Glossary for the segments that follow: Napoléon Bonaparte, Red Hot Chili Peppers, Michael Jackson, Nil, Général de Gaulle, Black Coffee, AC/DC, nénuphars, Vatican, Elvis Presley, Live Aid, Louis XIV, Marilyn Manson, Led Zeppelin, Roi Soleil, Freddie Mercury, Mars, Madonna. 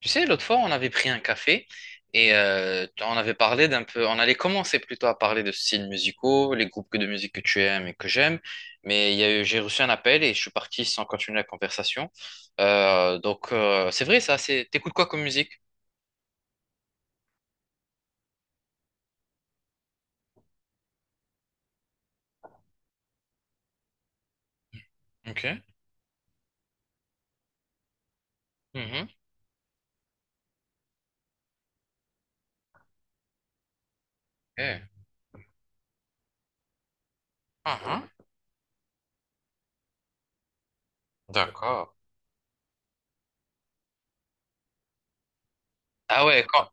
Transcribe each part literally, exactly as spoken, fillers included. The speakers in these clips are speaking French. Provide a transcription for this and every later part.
Tu sais, l'autre fois, on avait pris un café et euh, on avait parlé d'un peu, on allait commencer plutôt à parler de styles musicaux, les groupes de musique que tu aimes et que j'aime, mais il y a eu- j'ai reçu un appel et je suis parti sans continuer la conversation. Euh, donc, euh, c'est vrai ça, c'est, t'écoutes quoi comme musique? Ok. Mhm. Eh. Ah, ah. D'accord. Ah ouais, com-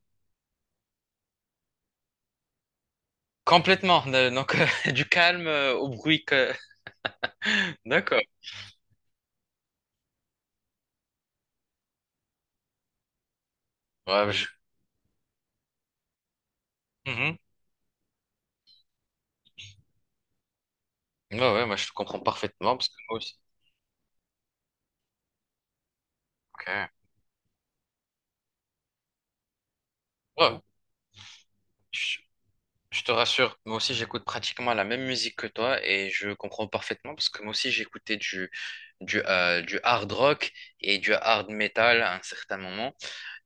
complètement. Euh, Donc, du calme euh, au bruit que. D'accord. Ouais, je. Mhm. Ouais, ouais, moi je te comprends parfaitement parce que moi aussi. Ok. Ouais. Je te rassure, moi aussi j'écoute pratiquement la même musique que toi et je comprends parfaitement parce que moi aussi j'écoutais du, du, euh, du hard rock et du hard metal à un certain moment.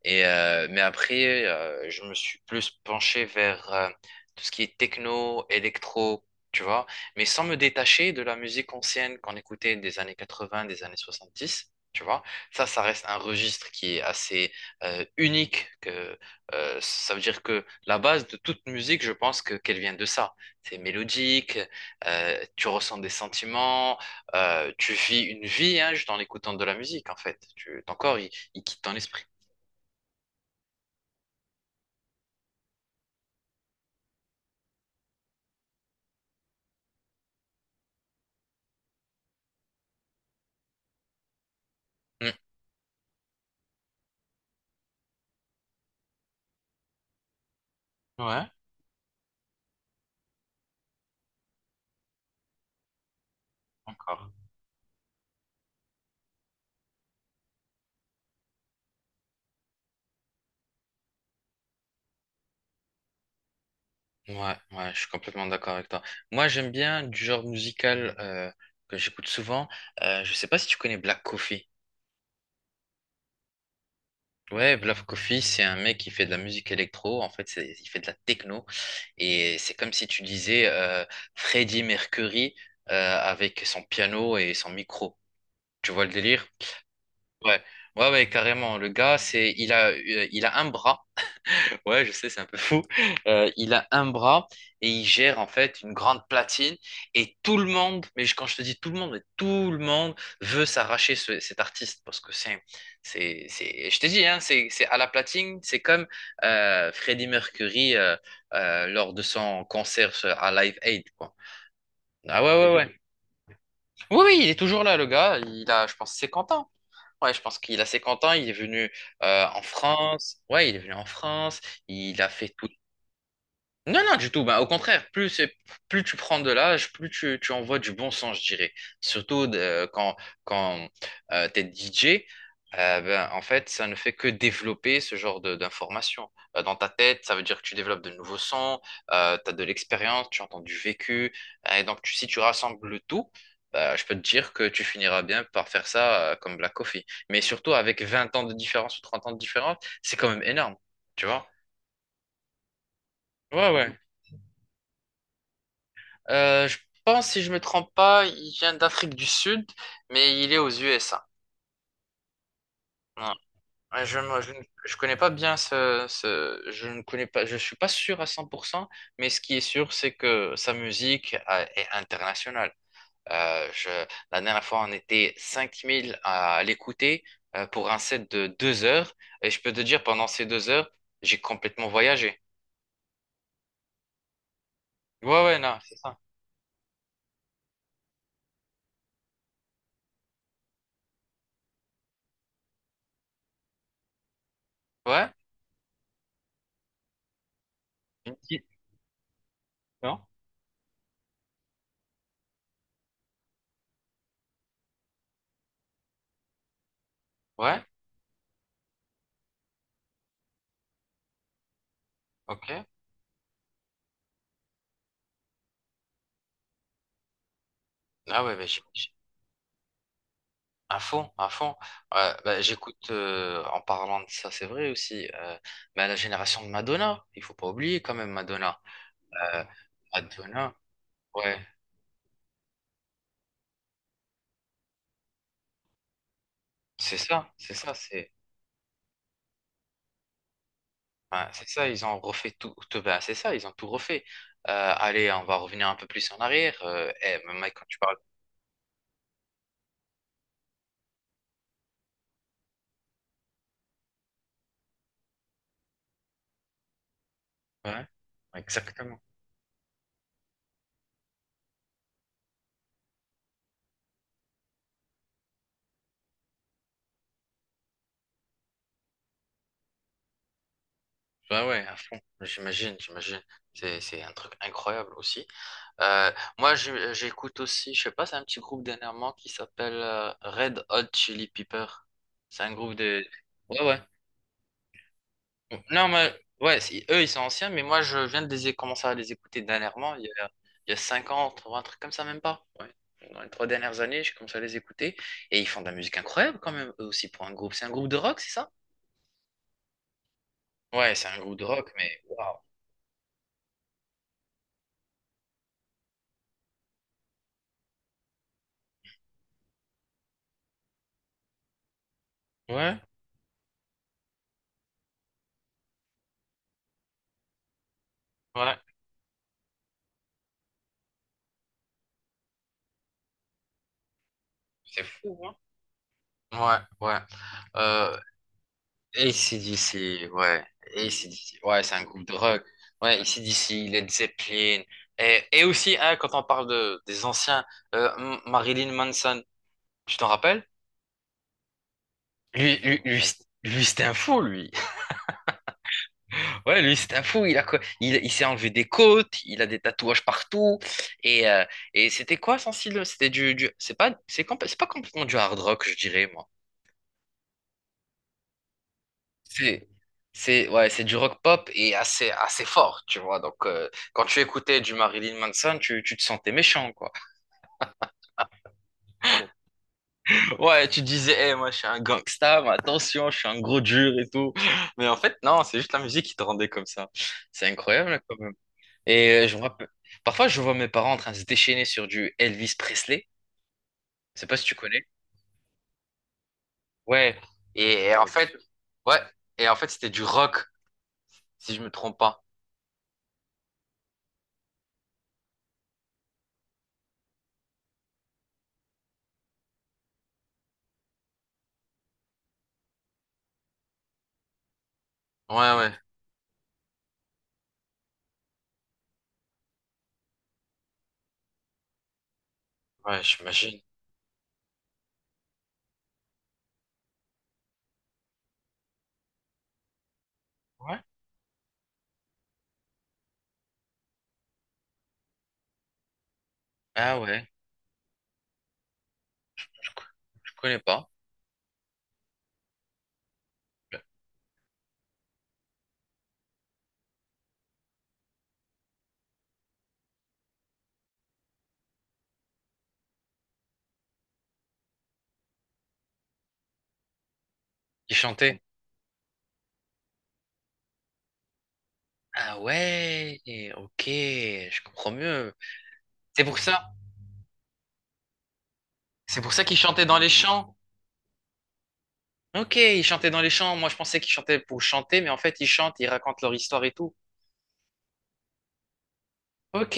Et, euh, mais après, euh, je me suis plus penché vers euh, tout ce qui est techno, électro, tu vois, mais sans me détacher de la musique ancienne qu'on écoutait des années quatre-vingts, des années soixante-dix. Tu vois, ça, ça reste un registre qui est assez euh, unique que, euh, ça veut dire que la base de toute musique, je pense que qu'elle vient de ça. C'est mélodique, euh, tu ressens des sentiments, euh, tu vis une vie hein, juste en écoutant de la musique, en fait. Tu, ton corps, il, il quitte ton esprit. Hmm. Ouais, encore. Ouais, ouais, je suis complètement d'accord avec toi. Moi, j'aime bien du genre musical euh, que j'écoute souvent. Euh, je sais pas si tu connais Black Coffee. Ouais, Black Coffee, c'est un mec qui fait de la musique électro. En fait, c'est- il fait de la techno. Et c'est comme si tu disais euh, Freddie Mercury euh, avec son piano et son micro. Tu vois le délire? Ouais, ouais, ouais, carrément. Le gars, c'est, il a, euh, il a un bras. Ouais, je sais, c'est un peu fou. Euh, il a un bras et il gère en fait une grande platine. Et tout le monde, mais je- quand je te dis tout le monde, mais tout le monde veut s'arracher ce- cet artiste parce que c'est, c'est, c'est, je te dis, hein, c'est, c'est à la platine, c'est comme euh, Freddie Mercury euh, euh, lors de son concert euh, à Live Aid, quoi. Ah ouais, ouais, ouais. Oui, oui, il est toujours là, le gars. Il a, je pense, cinquante ans. Ouais, je pense qu'il a cinquante ans. Il est venu euh, en France. Ouais, il est venu en France. Il a fait tout. Non, non, du tout. Bah, au contraire, plus, c'est- plus tu prends de l'âge, plus tu, tu envoies du bon sens, je dirais. Surtout de- euh, quand, quand euh, t'es D J, euh, ben, en fait, ça ne fait que développer ce genre de- d'informations. Euh, dans ta tête, ça veut dire que tu développes de nouveaux sons, tu as de l'expérience, tu entends du vécu. Euh, et donc, tu- si tu rassembles le tout, bah, je peux te dire que tu finiras bien par faire ça euh, comme Black Coffee. Mais surtout avec vingt ans de différence ou trente ans de différence, c'est quand même énorme, tu vois? Ouais, ouais. Euh, je pense, si je me trompe pas, il vient d'Afrique du Sud, mais il est aux U S A. Ouais. Ouais, Je, ne- je, ne je connais pas bien ce, ce- je ne connais pas, je suis pas sûr à cent pour cent mais ce qui est sûr, c'est que sa musique euh, est internationale. Euh, je, la dernière fois, on était cinq mille à l'écouter euh, pour un set de deux heures, et je peux te dire, pendant ces deux heures, j'ai complètement voyagé. Ouais, ouais, non, c'est ça. Ouais? Une petite-. Non? Ouais? Ok. Ah ouais, mais j'ai-. À fond, à fond. Euh, bah, j'écoute euh, en parlant de ça, c'est vrai aussi. euh, mais la génération de Madonna, il faut pas oublier quand même Madonna. Euh, Madonna, ouais, c'est ça, c'est ça, c'est ouais, c'est ça. Ils ont refait tout, tout- ben, c'est ça, ils ont tout refait. Euh, allez, on va revenir un peu plus en arrière. Euh, eh, mais mec, quand tu parles, ouais, exactement. Ouais, ouais, à fond. J'imagine, j'imagine. C'est c'est un truc incroyable aussi. Euh, moi, je- euh, j'écoute aussi, je sais pas, c'est un petit groupe dernièrement qui s'appelle euh, Red Hot Chili Pepper. C'est un groupe de. Ouais, ouais. Non, mais ouais, c'est- eux, ils sont anciens, mais moi, je viens de les commencer à les écouter dernièrement, il y a, il y a cinq ans, ou un truc comme ça, même pas. Ouais. Dans les trois dernières années, j'ai commencé à les écouter. Et ils font de la musique incroyable quand même, eux aussi, pour un groupe. C'est un groupe de rock, c'est ça? Ouais, c'est un groupe de rock, mais waouh. Ouais, ouais. C'est fou, hein? Ouais, ouais. Euh, AC/DC, ouais. AC/DC, ouais, c'est un groupe de rock. Ouais, A C/D C, Led Zeppelin. Et, et aussi, hein, quand on parle de, des anciens, euh, M- Marilyn Manson, tu t'en rappelles? Lui, lui, lui, c- lui, c'était un fou, lui. Ouais, lui, c'était un fou. Il a, quoi- il, il s'est enlevé des côtes, il a des tatouages partout. Et, euh, et c'était quoi son style? C'était du, du- c'est pas, c'est compl- c'est pas complètement du hard rock, je dirais, moi. C'est, c'est, ouais, c'est du rock pop et assez, assez fort, tu vois. Donc, euh, quand tu écoutais du Marilyn Manson, tu, tu te sentais méchant, quoi. Ouais, tu disais, Eh, moi, je suis un gangsta, mais attention, je suis un gros dur et tout. Mais en fait, non, c'est juste la musique qui te rendait comme ça. C'est incroyable, quand même. Et euh, je me rappelle, parfois, je vois mes parents en train de se déchaîner sur du Elvis Presley. Je sais pas si tu connais. Ouais. Et, et en fait, ouais. Et en fait, c'était du rock, si je me trompe pas. Ouais, ouais. Ouais, j'imagine. Ouais. Ah ouais. Je connais pas. Il chantait. Ah ouais, ok, je comprends mieux. C'est pour ça. C'est pour ça qu'il chantait dans les champs. Ok, il chantait dans les champs. Moi, je pensais qu'il chantait pour chanter, mais en fait, ils chantent, ils racontent leur histoire et tout. Ok.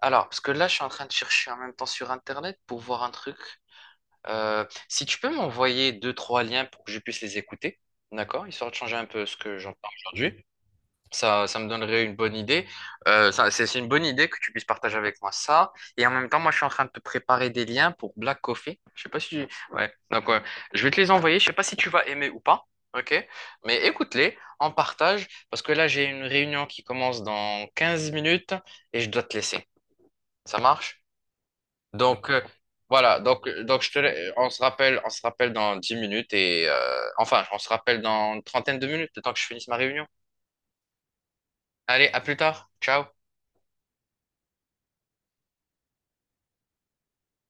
Alors, parce que là, je suis en train de chercher en même temps sur Internet pour voir un truc. Euh, si tu peux m'envoyer deux, trois liens pour que je puisse les écouter, d'accord? Histoire de changer un peu ce que j'entends aujourd'hui. Ça, ça me donnerait une bonne idée. Euh, ça- c'est c'est une bonne idée que tu puisses partager avec moi ça. Et en même temps, moi, je suis en train de te préparer des liens pour Black Coffee. Je sais pas si tu. Ouais. Donc, ouais, je vais te les envoyer. Je sais pas si tu vas aimer ou pas. OK? Mais écoute-les, en partage, parce que là, j'ai une réunion qui commence dans quinze minutes et je dois te laisser. Ça marche? Donc, euh, voilà. Donc, euh, donc je te... la- on se rappelle, on se rappelle dans dix minutes et... euh, enfin, on se rappelle dans une trentaine de minutes, le temps que je finisse ma réunion. Allez, à plus tard. Ciao.